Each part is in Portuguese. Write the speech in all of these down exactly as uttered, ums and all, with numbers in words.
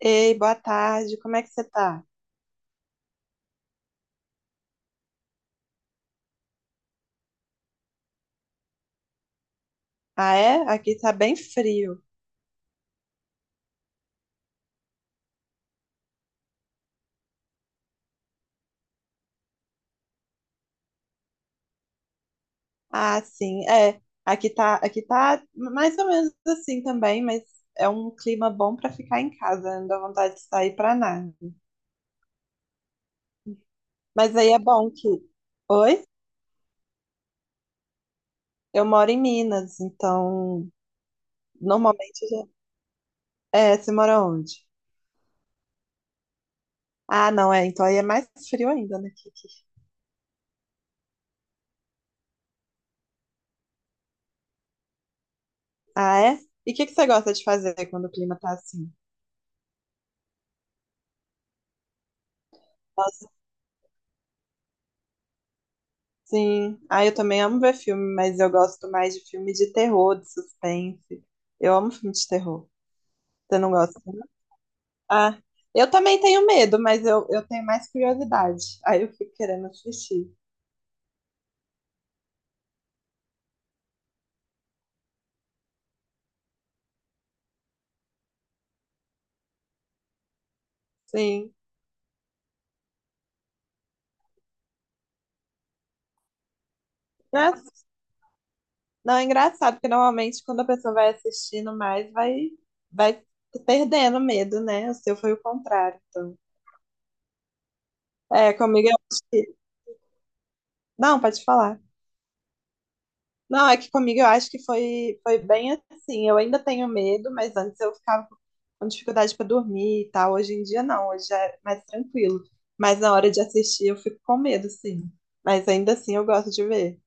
Ei, boa tarde, como é que você tá? Ah, é? Aqui tá bem frio. Ah, sim, é. Aqui tá, aqui tá mais ou menos assim também, mas é um clima bom pra ficar em casa, não dá vontade de sair pra nada. Mas aí é bom que. Oi? Eu moro em Minas, então normalmente já. É, você mora onde? Ah, não, é, então aí é mais frio ainda, né? que- que- Ah, é? E o que que você gosta de fazer quando o clima tá assim? Sim, ah, eu também amo ver filme, mas eu gosto mais de filme de terror, de suspense. Eu amo filme de terror. Você não gosta? Não? Ah, eu também tenho medo, mas eu, eu tenho mais curiosidade. Aí eu fico querendo assistir. Sim. Mas, não, é engraçado, porque normalmente quando a pessoa vai assistindo mais, vai, vai perdendo medo, né? O seu foi o contrário. Então. É, comigo eu acho que. Não, pode falar. Não, é que comigo eu acho que foi, foi bem assim. Eu ainda tenho medo, mas antes eu ficava com dificuldade para dormir e tal. Hoje em dia não, hoje é mais tranquilo. Mas na hora de assistir eu fico com medo, sim. Mas ainda assim eu gosto de ver.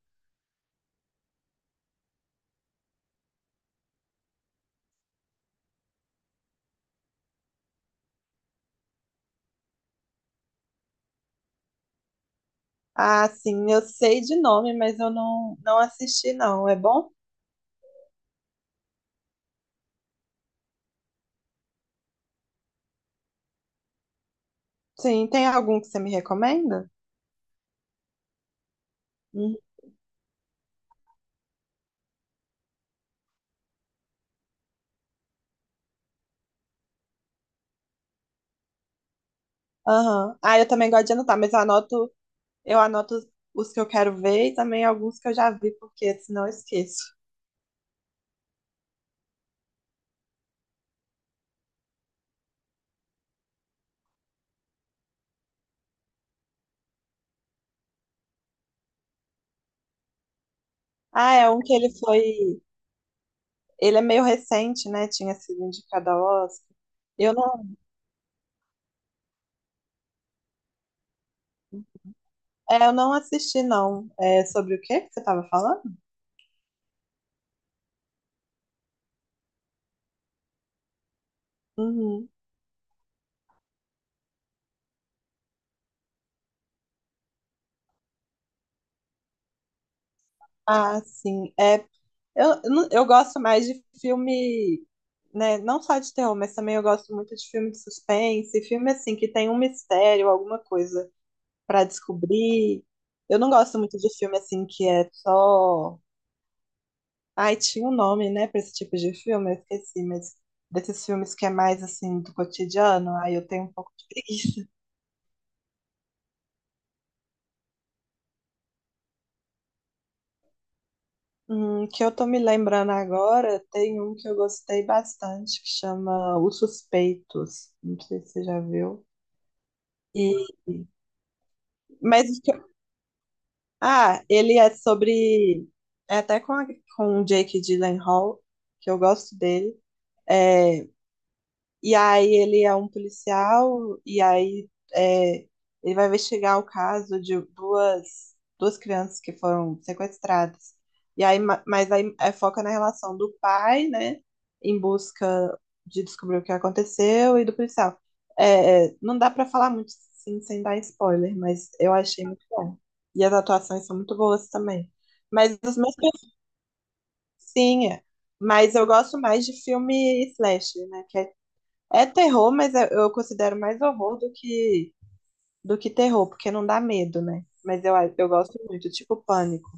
Ah, sim, eu sei de nome, mas eu não, não assisti, não. É bom? Sim, tem algum que você me recomenda? Hum. Aham. Ah, eu também gosto de anotar, mas eu anoto, eu anoto os os que eu quero ver e também alguns que eu já vi, porque senão eu esqueço. Ah, é um que ele foi. Ele é meio recente, né? Tinha sido indicado ao Oscar. Eu não, é, eu não assisti, não. É sobre o quê que você estava falando? Uhum. Ah, sim. É, eu, eu não- eu gosto mais de filme, né? Não só de terror, mas também eu gosto muito de filme de suspense, filme assim que tem um mistério, alguma coisa para descobrir. Eu não gosto muito de filme assim que é só. Ai, tinha um nome, né, pra esse tipo de filme, eu esqueci, mas desses filmes que é mais assim do cotidiano, aí eu tenho um pouco de preguiça. Hum, que eu tô me lembrando agora, tem um que eu gostei bastante, que chama Os Suspeitos. Não sei se você já viu. E, mas o que eu- ah, ele é sobre, é até com a- com o Jake Gyllenhaal, que eu gosto dele. É, e aí ele é um policial, e aí é, ele vai investigar o caso de duas, duas crianças que foram sequestradas. E aí, ma- mas aí é, foca na relação do pai, né? Em busca de descobrir o que aconteceu, e do policial. É, é, não dá pra falar muito assim, sem dar spoiler, mas eu achei muito bom. E as atuações são muito boas também. Mas os meus perfis, sim, é, mas eu gosto mais de filme slasher, né? É terror, mas eu eu considero mais horror do que do que terror, porque não dá medo, né? Mas eu, eu gosto muito, tipo pânico.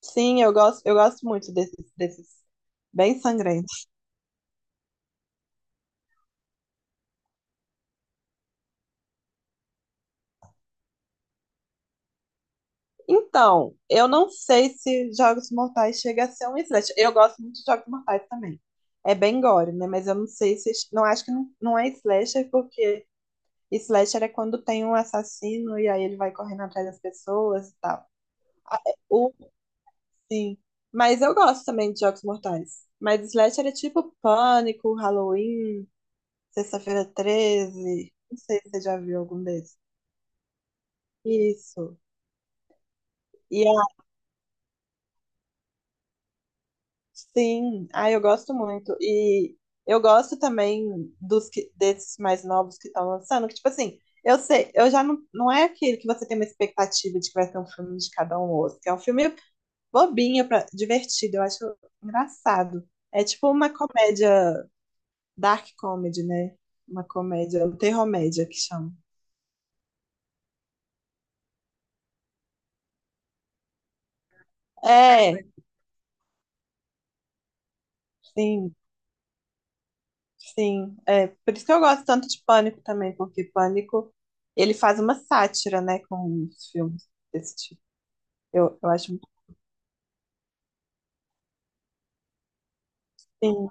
Sim, eu gosto, eu gosto muito desses, desses bem sangrentos. Então, eu não sei se Jogos Mortais chega a ser um slasher. Eu gosto muito de Jogos Mortais também. É bem gore, né? Mas eu não sei se. Não acho que não, não é slasher, porque slasher é quando tem um assassino e aí ele vai correndo atrás das pessoas e tal. Sim. Mas eu gosto também de Jogos Mortais. Mas Slash era tipo Pânico, Halloween, Sexta-feira Treze. Não sei se você já viu algum desses. Isso. E a- sim, ah, eu gosto muito. E eu gosto também dos que- desses mais novos que estão lançando, que tipo assim, eu sei, eu já não, não é aquele que você tem uma expectativa de que vai ser um filme de cada um ou outro, que é um filme bobinho, pra, divertido, eu acho engraçado. É tipo uma comédia. Dark comedy, né? Uma comédia, um terrormédia que chama. É, sim, sim. É, por isso que eu gosto tanto de Pânico também, porque Pânico, ele faz uma sátira, né, com os filmes desse tipo. Eu, eu acho muito, sim,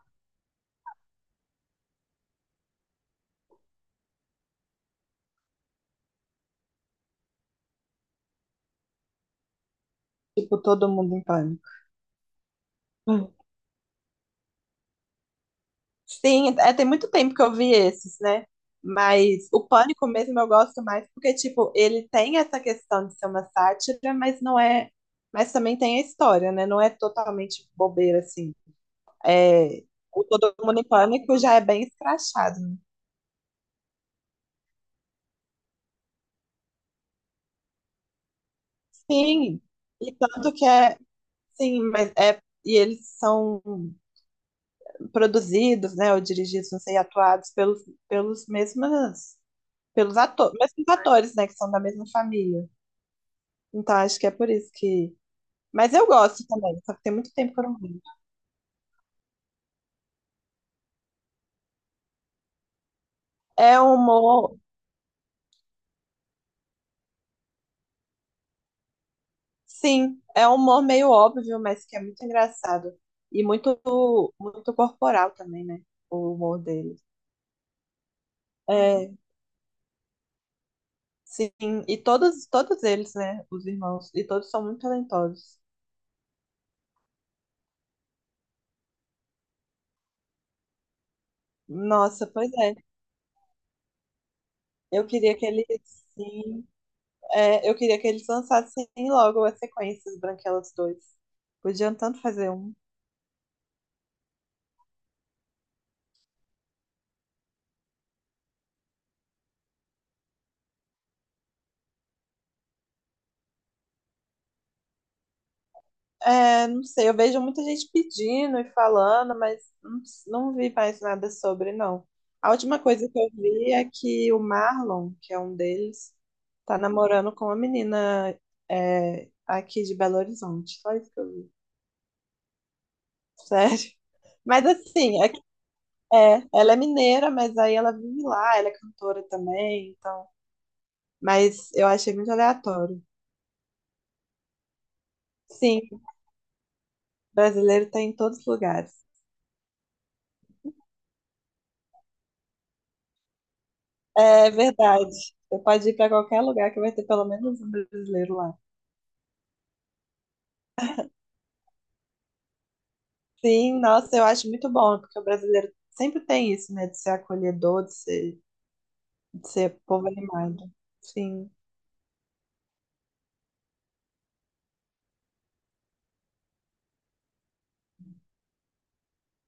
tipo, todo mundo em pânico. Hum. Sim, é, tem muito tempo que eu vi esses, né? Mas o Pânico mesmo eu gosto mais porque, tipo, ele tem essa questão de ser uma sátira, mas não é. Mas também tem a história, né? Não é totalmente bobeira, assim. É, o Todo Mundo em Pânico já é bem escrachado, né? Sim, e tanto que é, sim, mas é, e eles são produzidos, né, ou dirigidos, não sei, atuados pelos, pelos mesmas, pelos atores, mesmos atores, né, que são da mesma família. Então acho que é por isso que. Mas eu gosto também, só que tem muito tempo que eu não vejo. É um humor, sim, é um humor meio óbvio, mas que é muito engraçado. E muito, muito corporal também, né? O humor dele. Sim, e todos, todos eles, né, os irmãos, e todos são muito talentosos. Nossa, pois é. Eu queria que eles, sim, é, eu queria que eles lançassem logo as sequências Branquelas dois. Podiam tanto fazer um. É, não sei, eu vejo muita gente pedindo e falando, mas não, não vi mais nada sobre, não. A última coisa que eu vi é que o Marlon, que é um deles, tá namorando com uma menina, é, aqui de Belo Horizonte. Só isso que eu vi. Sério. Mas assim, é, que- é, ela é mineira, mas aí ela vive lá, ela é cantora também, então. Mas eu achei muito aleatório. Sim, brasileiro tem em todos os lugares. É verdade. Você pode ir para qualquer lugar que vai ter pelo menos um brasileiro lá. Sim, nossa, eu acho muito bom, porque o brasileiro sempre tem isso, né, de ser acolhedor, de ser, de ser povo animado. Sim,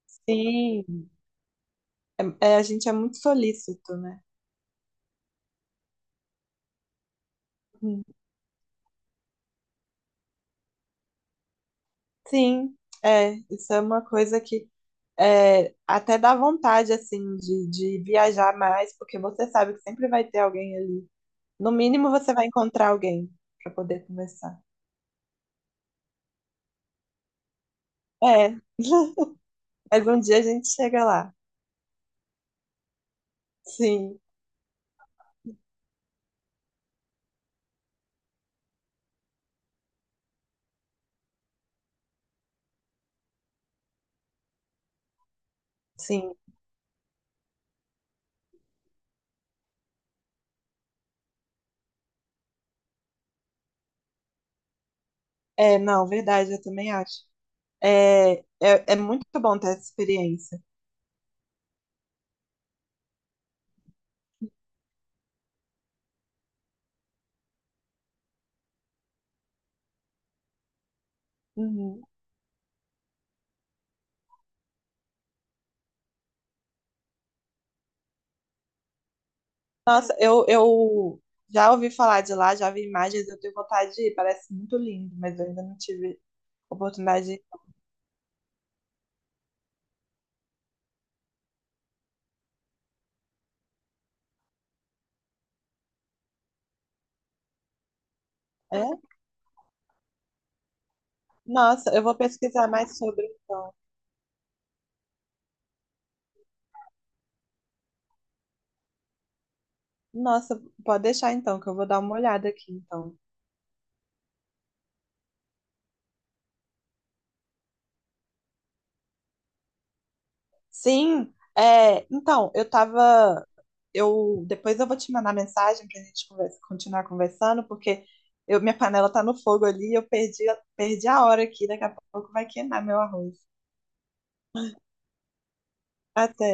sim. É, é, a gente é muito solícito, né? Hum. Sim, é, isso é uma coisa que é, até dá vontade, assim, de, de viajar mais, porque você sabe que sempre vai ter alguém ali. No mínimo, você vai encontrar alguém para poder conversar. É, mas um dia a gente chega lá. Sim, sim. É, não, verdade, eu também acho. É, é, é muito bom ter essa experiência. Uhum. Nossa, eu, eu já ouvi falar de lá, já vi imagens, eu tenho vontade de ir, parece muito lindo, mas eu ainda não tive oportunidade de ir. É? Nossa, eu vou pesquisar mais sobre então. Nossa, pode deixar então, que eu vou dar uma olhada aqui então. Sim, é, então, eu tava. Eu, depois eu vou te mandar mensagem pra gente conversa- continuar conversando, porque eu, minha panela tá no fogo ali, eu perdi, perdi a hora aqui, daqui a pouco vai queimar meu arroz. Até.